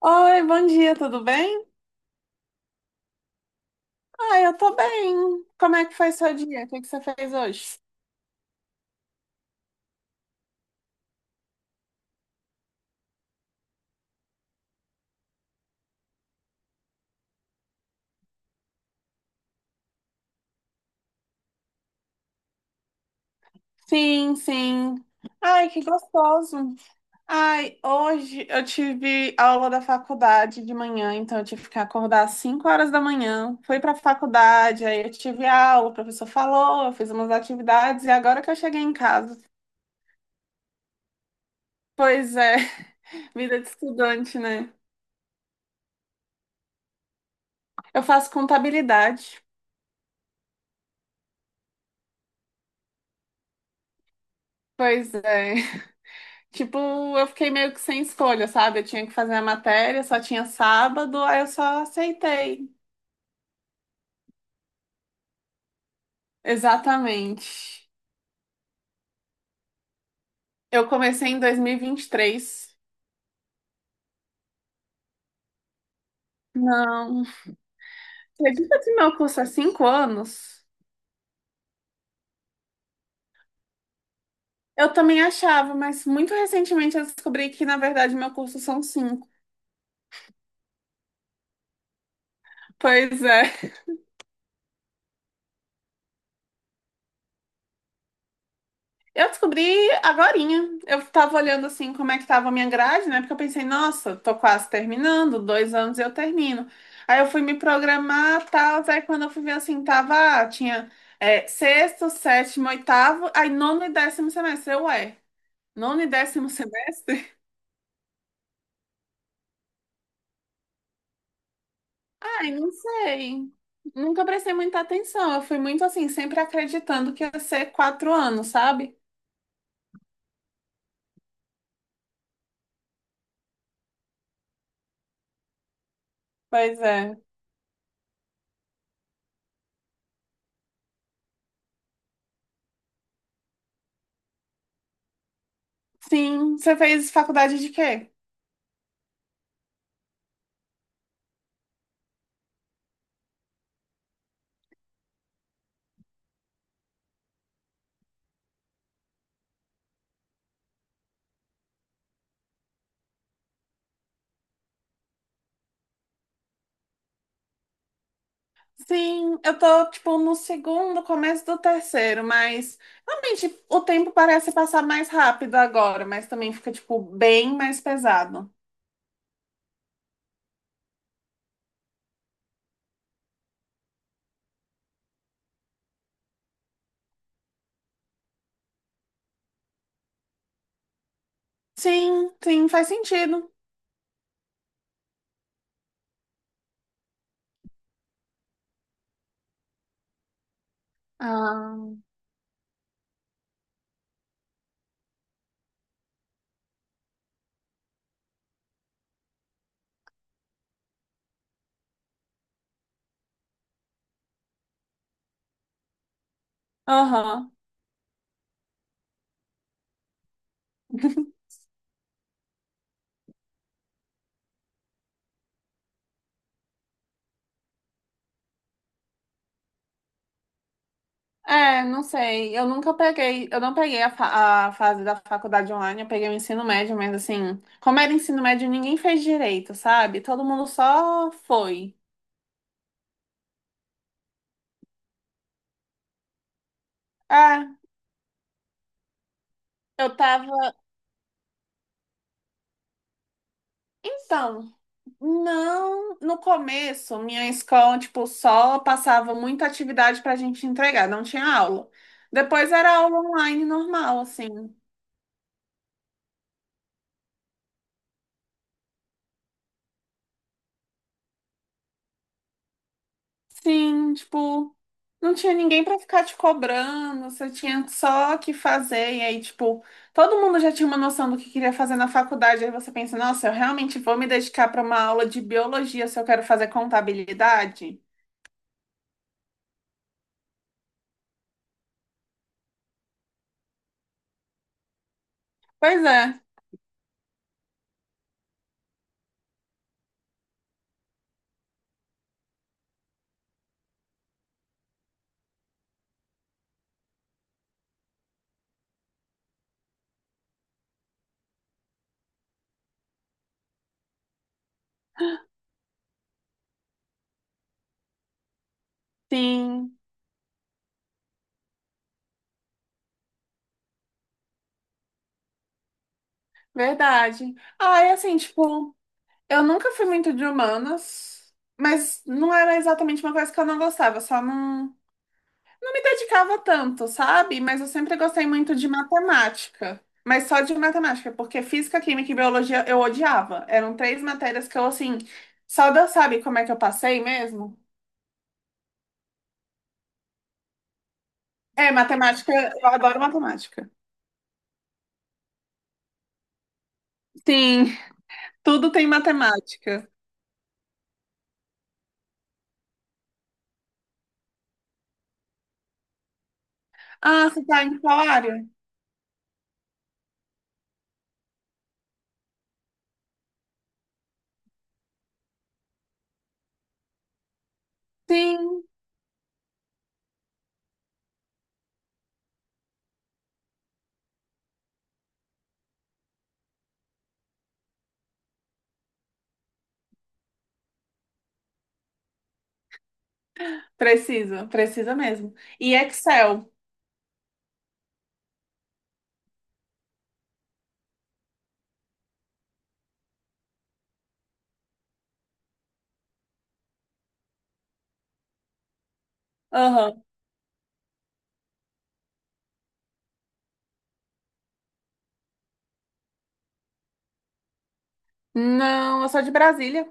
Oi, bom dia, tudo bem? Ah, eu tô bem. Como é que foi seu dia? O que que você fez hoje? Sim, sim. Ai, que gostoso. Ai, hoje eu tive aula da faculdade de manhã, então eu tive que acordar às 5 horas da manhã. Fui pra faculdade, aí eu tive aula, o professor falou, eu fiz umas atividades e agora que eu cheguei em casa. Pois é, vida de estudante, né? Eu faço contabilidade. Pois é. Tipo, eu fiquei meio que sem escolha, sabe? Eu tinha que fazer a matéria, só tinha sábado, aí eu só aceitei. Exatamente. Eu comecei em dois mil e vinte e três. Não. Acredita que meu curso é cinco anos? Eu também achava, mas muito recentemente eu descobri que, na verdade, meu curso são cinco. Pois é. Eu descobri agorinha. Eu tava olhando assim como é que tava a minha grade, né? Porque eu pensei, nossa, tô quase terminando, dois anos eu termino. Aí eu fui me programar, tal, aí quando eu fui ver assim, tava, ah, tinha sexto, sétimo, oitavo, aí nono e décimo semestre. Eu, ué, nono e décimo semestre? Ai, não sei. Nunca prestei muita atenção. Eu fui muito assim, sempre acreditando que ia ser quatro anos, sabe? Pois é. Sim, você fez faculdade de quê? Sim, eu tô, tipo, no segundo, começo do terceiro, mas realmente o tempo parece passar mais rápido agora, mas também fica, tipo, bem mais pesado. Sim, sim, faz sentido. Ah, aham. É, não sei, eu nunca peguei, eu não peguei a, a fase da faculdade online, eu peguei o ensino médio, mas assim, como era ensino médio, ninguém fez direito, sabe? Todo mundo só foi. É, eu tava. Então. Não, no começo, minha escola, tipo, só passava muita atividade pra gente entregar, não tinha aula. Depois era aula online normal, assim. Sim, tipo, não tinha ninguém pra ficar te cobrando, você tinha só que fazer. E aí, tipo, todo mundo já tinha uma noção do que queria fazer na faculdade. Aí você pensa, nossa, eu realmente vou me dedicar pra uma aula de biologia se eu quero fazer contabilidade? Pois é, sim, verdade. Ah, é assim, tipo. Eu nunca fui muito de humanas, mas não era exatamente uma coisa que eu não gostava, só não, não me dedicava tanto, sabe? Mas eu sempre gostei muito de matemática, mas só de matemática, porque física, química e biologia eu odiava. Eram três matérias que eu, assim, só Deus sabe como é que eu passei mesmo. É, matemática, eu adoro matemática. Sim, tudo tem matemática. Ah, você tá em qual área? Sim, precisa, precisa mesmo. E Excel. Não, eu sou de Brasília.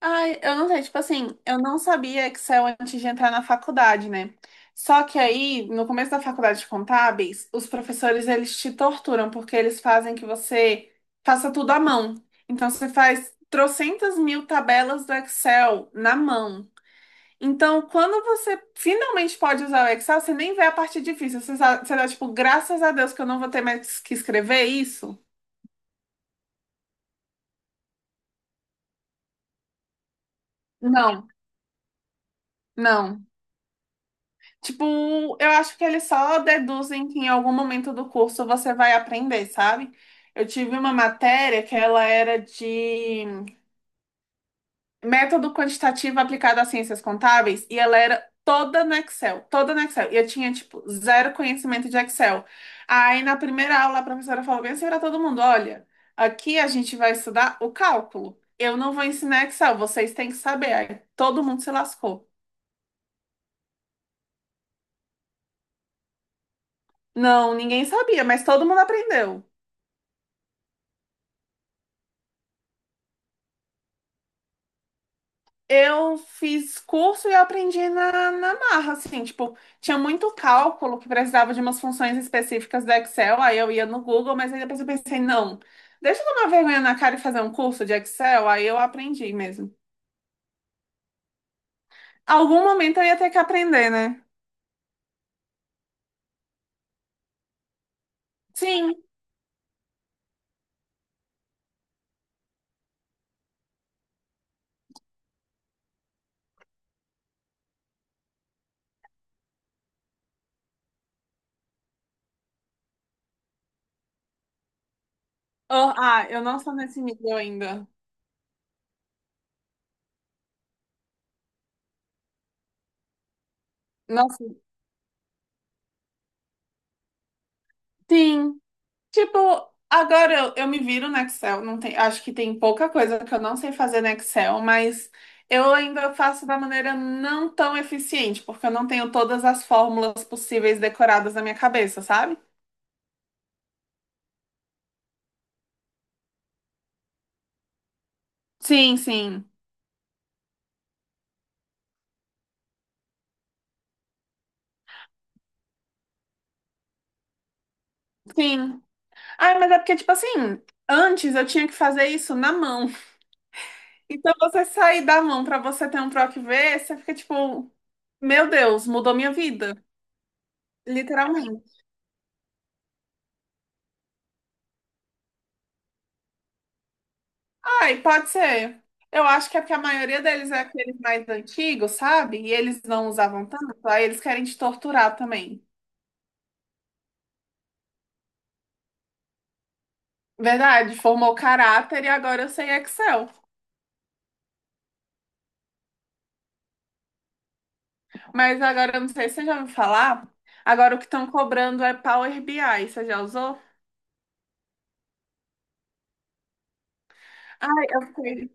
Ai, eu não sei, tipo assim, eu não sabia Excel antes de entrar na faculdade, né? Só que aí, no começo da faculdade de contábeis, os professores, eles te torturam, porque eles fazem que você faça tudo à mão. Então, você faz trocentas mil tabelas do Excel na mão. Então, quando você finalmente pode usar o Excel, você nem vê a parte difícil. Você, você dá, tipo, graças a Deus que eu não vou ter mais que escrever isso. Não, não. Tipo, eu acho que eles só deduzem que em algum momento do curso você vai aprender, sabe? Eu tive uma matéria que ela era de método quantitativo aplicado às ciências contábeis e ela era toda no Excel, toda no Excel. E eu tinha, tipo, zero conhecimento de Excel. Aí na primeira aula a professora falou bem assim pra todo mundo: olha, aqui a gente vai estudar o cálculo. Eu não vou ensinar Excel, vocês têm que saber. Aí todo mundo se lascou. Não, ninguém sabia, mas todo mundo aprendeu. Eu fiz curso e eu aprendi na marra, assim, tipo, tinha muito cálculo que precisava de umas funções específicas do Excel, aí eu ia no Google, mas aí depois eu pensei, não, deixa eu tomar vergonha na cara e fazer um curso de Excel, aí eu aprendi mesmo. Algum momento eu ia ter que aprender, né? Sim. Ah, ah, eu não sou nesse nível ainda. Nossa, sim. Tipo, agora eu me viro no Excel. Não tem, acho que tem pouca coisa que eu não sei fazer no Excel, mas eu ainda faço da maneira não tão eficiente, porque eu não tenho todas as fórmulas possíveis decoradas na minha cabeça, sabe? Sim, sim, sim. Ai, mas é porque, tipo assim, antes eu tinha que fazer isso na mão. Então você sair da mão pra você ter um troco e ver, você fica tipo, meu Deus, mudou minha vida. Literalmente. Ai, pode ser. Eu acho que é porque a maioria deles é aqueles mais antigos, sabe? E eles não usavam tanto, aí eles querem te torturar também. Verdade, formou caráter e agora eu sei Excel. Mas agora eu não sei se você já ouviu falar. Agora o que estão cobrando é Power BI. Você já usou? Ai, eu fiquei.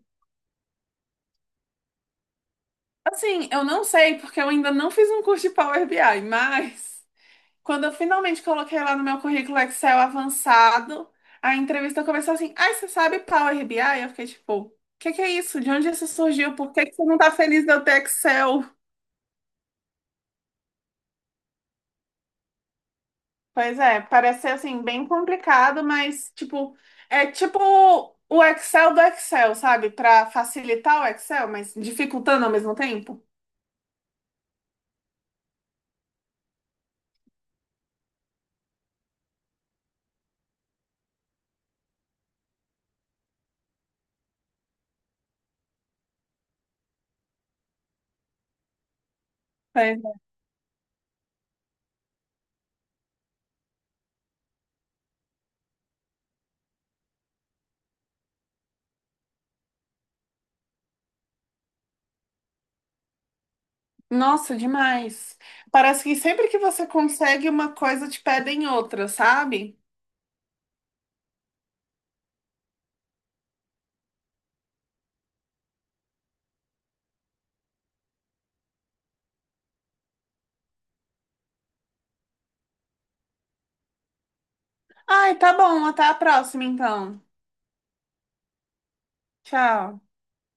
Assim, eu não sei, porque eu ainda não fiz um curso de Power BI, mas quando eu finalmente coloquei lá no meu currículo Excel avançado, a entrevista começou assim: ai, você sabe Power BI? Eu fiquei tipo, o que que é isso? De onde isso surgiu? Por que que você não tá feliz de eu ter Excel? Pois é, parece ser assim, bem complicado, mas tipo, é tipo o Excel do Excel, sabe? Para facilitar o Excel, mas dificultando ao mesmo tempo. Pois é. Nossa, demais. Parece que sempre que você consegue uma coisa, te pedem outra, sabe? Ai, tá bom, até a próxima então. Tchau.